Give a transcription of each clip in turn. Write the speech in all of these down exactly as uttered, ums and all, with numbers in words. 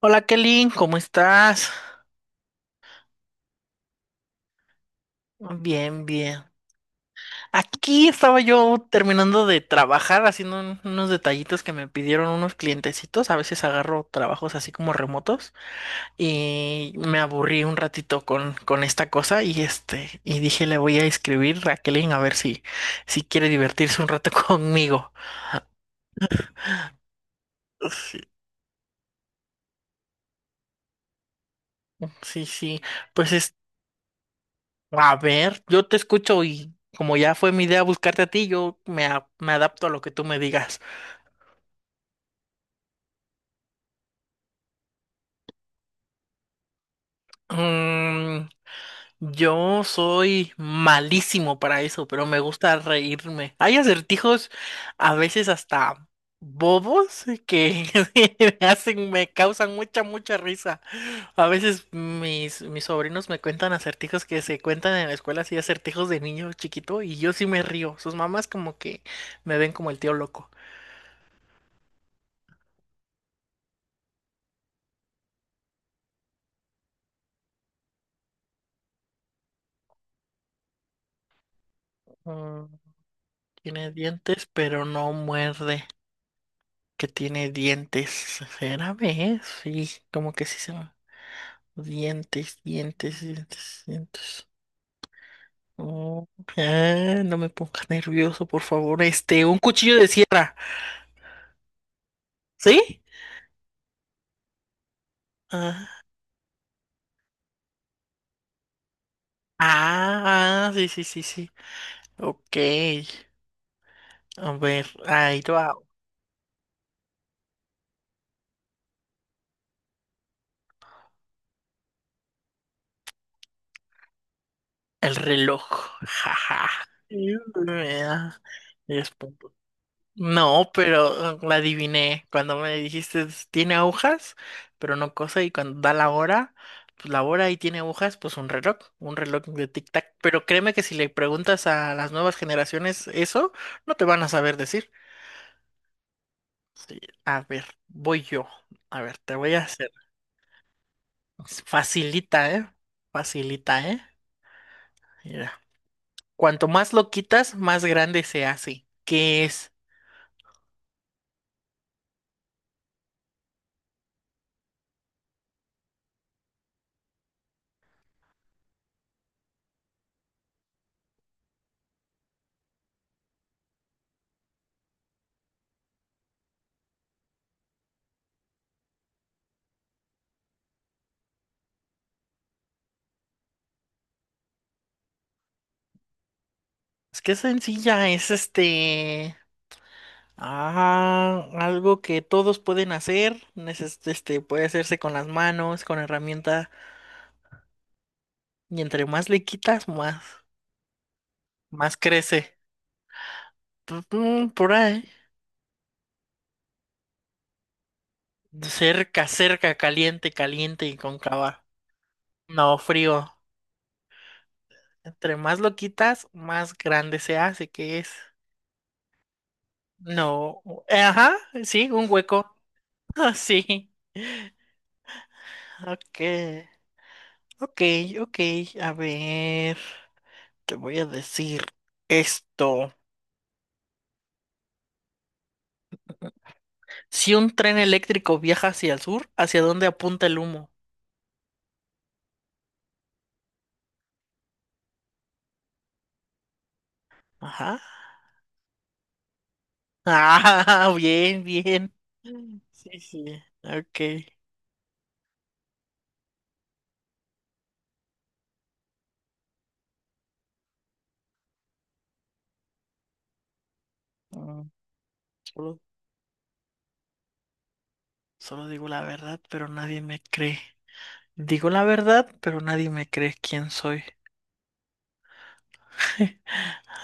Hola Kelly, ¿cómo estás? Bien, bien. Aquí estaba yo terminando de trabajar, haciendo un- unos detallitos que me pidieron unos clientecitos. A veces agarro trabajos así como remotos y me aburrí un ratito con, con esta cosa y este, y dije le voy a escribir a Kelly a ver si, si quiere divertirse un rato conmigo. Sí, sí, sí. Pues es, a ver, yo te escucho y como ya fue mi idea buscarte a ti, yo me, a- me adapto a lo que tú me digas. Mm, yo soy malísimo para eso, pero me gusta reírme. Hay acertijos a veces hasta bobos eh, que me hacen, me causan mucha, mucha risa. A veces mis, mis sobrinos me cuentan acertijos que se cuentan en la escuela, así acertijos de niño chiquito, y yo sí me río. Sus mamás como que me ven como el tío loco. Mm, tiene dientes, pero no muerde. Que tiene dientes. ¿Será vez? Sí, como que sí se llama. Dientes, dientes, dientes, dientes. Oh, ah, no me pongas nervioso, por favor. Este, un cuchillo de sierra. ¿Sí? Ah, ah, sí, sí, sí, sí. Ok. A ver, ahí va. El reloj. Jaja. diez. No, pero la adiviné. Cuando me dijiste, tiene agujas, pero no cosa, y cuando da la hora, pues la hora y tiene agujas, pues un reloj, un reloj de tic-tac. Pero créeme que si le preguntas a las nuevas generaciones eso, no te van a saber decir. Sí, a ver, voy yo. A ver, te voy a hacer. Facilita, ¿eh? Facilita, ¿eh? Mira. Cuanto más lo quitas, más grande se hace. ¿Qué es? Es que es sencilla, es este. Ah, algo que todos pueden hacer, neces- este, este puede hacerse con las manos, con herramienta, y entre más le quitas, más, más crece. Pues, mm, Por ahí. Cerca, cerca, caliente, caliente y cóncava. No, frío. Entre más lo quitas, más grande se hace, ¿qué es? No, eh, ajá, sí, un hueco. Ah, sí. Ok, ok, ok. A ver, te voy a decir esto. Si un tren eléctrico viaja hacia el sur, ¿hacia dónde apunta el humo? Ajá. Ah, bien, bien. Sí, sí. Ok. Mm, Solo, solo digo la verdad, pero nadie me cree. Digo la verdad, pero nadie me cree quién soy.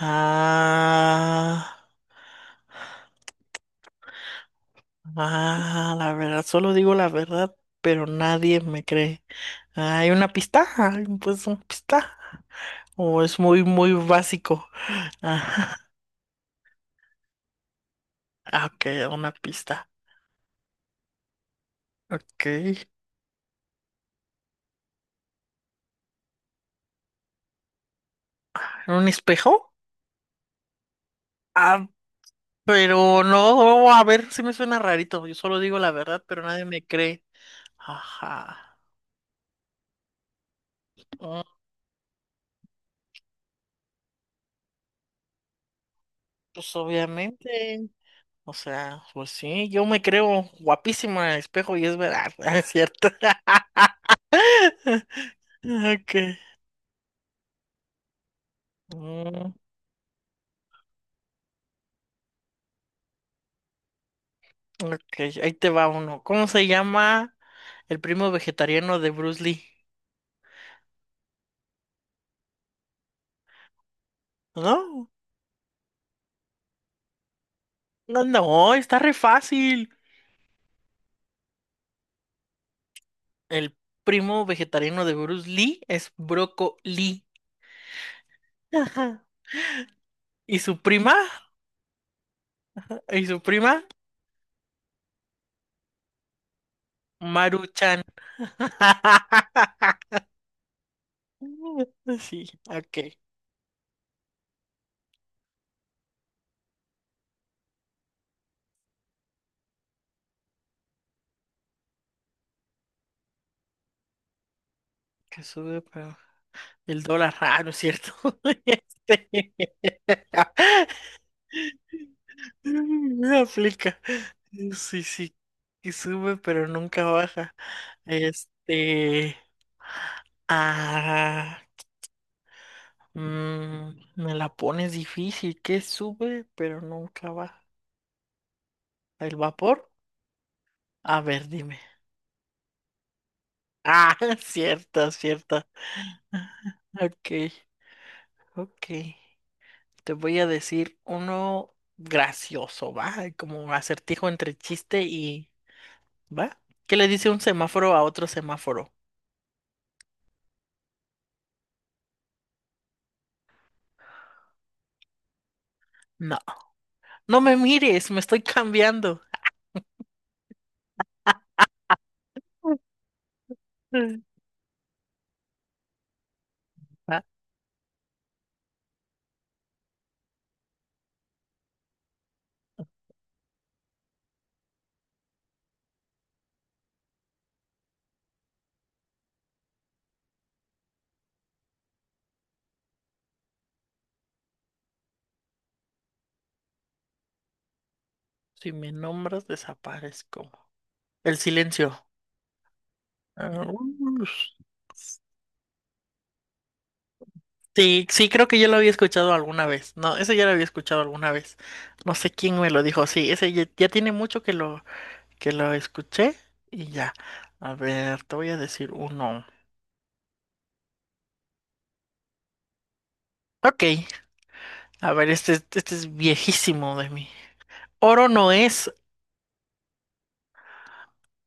Ah, ah, la verdad, solo digo la verdad, pero nadie me cree. ¿Hay una pista? ¿Hay pues una pista? ¿O es muy, muy básico? Ajá. Ah, ok, una pista. Ok. ¿Un espejo? Ah, pero no, a ver, sí me suena rarito. Yo solo digo la verdad, pero nadie me cree. Ajá. Mm, Pues obviamente. O sea, pues sí, yo me creo guapísimo en el espejo y es verdad, es cierto. Ok. Mm, ok, ahí te va uno. ¿Cómo se llama el primo vegetariano de Bruce Lee? No, no, no, está re fácil. El primo vegetariano de Bruce Lee es Broco Lee. Y su prima, y su prima, Maruchan. Sí, ok. Que sube pero el dólar. Ah, no es cierto. Este, no aplica. Sí, sí. Que sube pero nunca baja. Este. Ah. Mm, me la pones difícil. Que sube pero nunca baja. El vapor. A ver, dime. Ah, cierta, cierta. Ok, ok. Te voy a decir uno gracioso, ¿va? Como acertijo entre chiste y... ¿Va? ¿Qué le dice un semáforo a otro semáforo? No, no me mires, me estoy cambiando. Mm. ¿Va? Si me nombras, desaparezco. El silencio. Ah, ush. Sí, sí, creo que yo lo había escuchado alguna vez. No, ese ya lo había escuchado alguna vez. No sé quién me lo dijo. Sí, ese ya, ya tiene mucho que lo, que lo escuché y ya. A ver, te voy a decir uno. Ok, a ver, este, este es viejísimo de mí. Oro no es,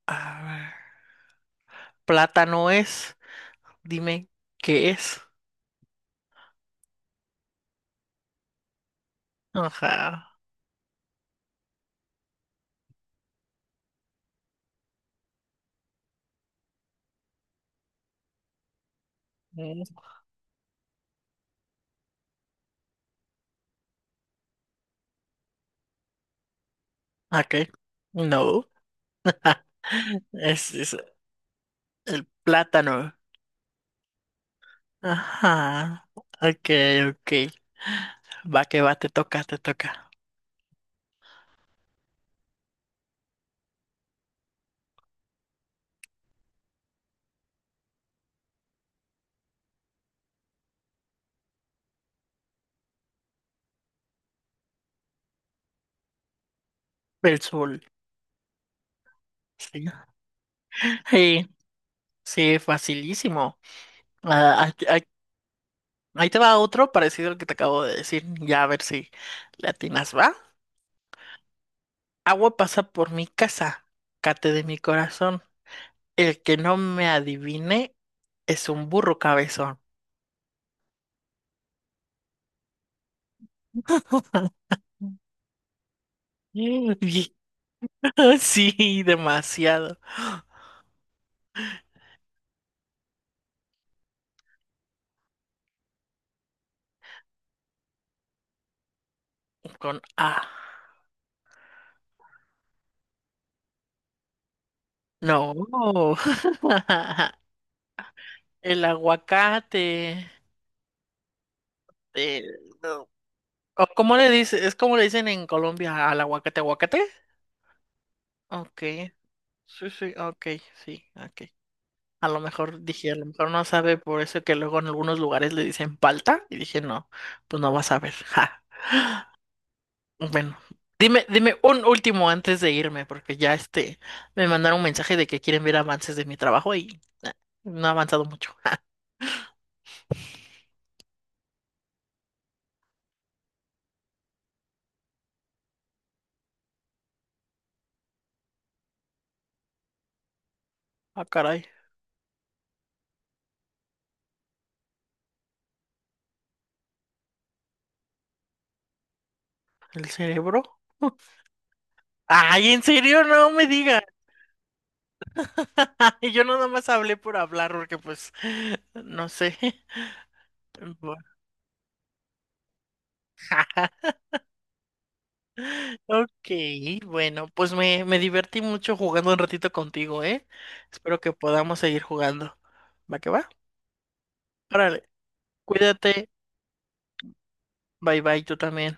a ver, plata no es. Dime, ¿qué es? Ajá. Mm, ok, no. Es, es el plátano. Ajá. Ok, ok. Va que va, te toca, te toca. El sol. Sí, sí, sí, facilísimo. Ah, aquí, ahí te va otro parecido al que te acabo de decir. Ya a ver si le atinas, ¿va? Agua pasa por mi casa, cate de mi corazón. El que no me adivine es un burro cabezón. Mm, y- Sí, demasiado. Con A. No. El aguacate. El- ¿O cómo le dice? ¿Es como le dicen en Colombia al aguacate, aguacate? Ok. Sí, sí, ok, sí, ok. A lo mejor dije, a lo mejor no sabe por eso que luego en algunos lugares le dicen palta. Y dije, no, pues no va a saber. Ja. Bueno, dime, dime un último antes de irme, porque ya este me mandaron un mensaje de que quieren ver avances de mi trabajo y eh, no ha avanzado mucho. Ja. Ah, caray, el cerebro. Ay, en serio, no me digas. Yo nada más hablé por hablar, porque pues, no sé. Bu- Ok, bueno, pues me, me divertí mucho jugando un ratito contigo, ¿eh? Espero que podamos seguir jugando. ¿Va que va? Órale, cuídate, bye bye, tú también.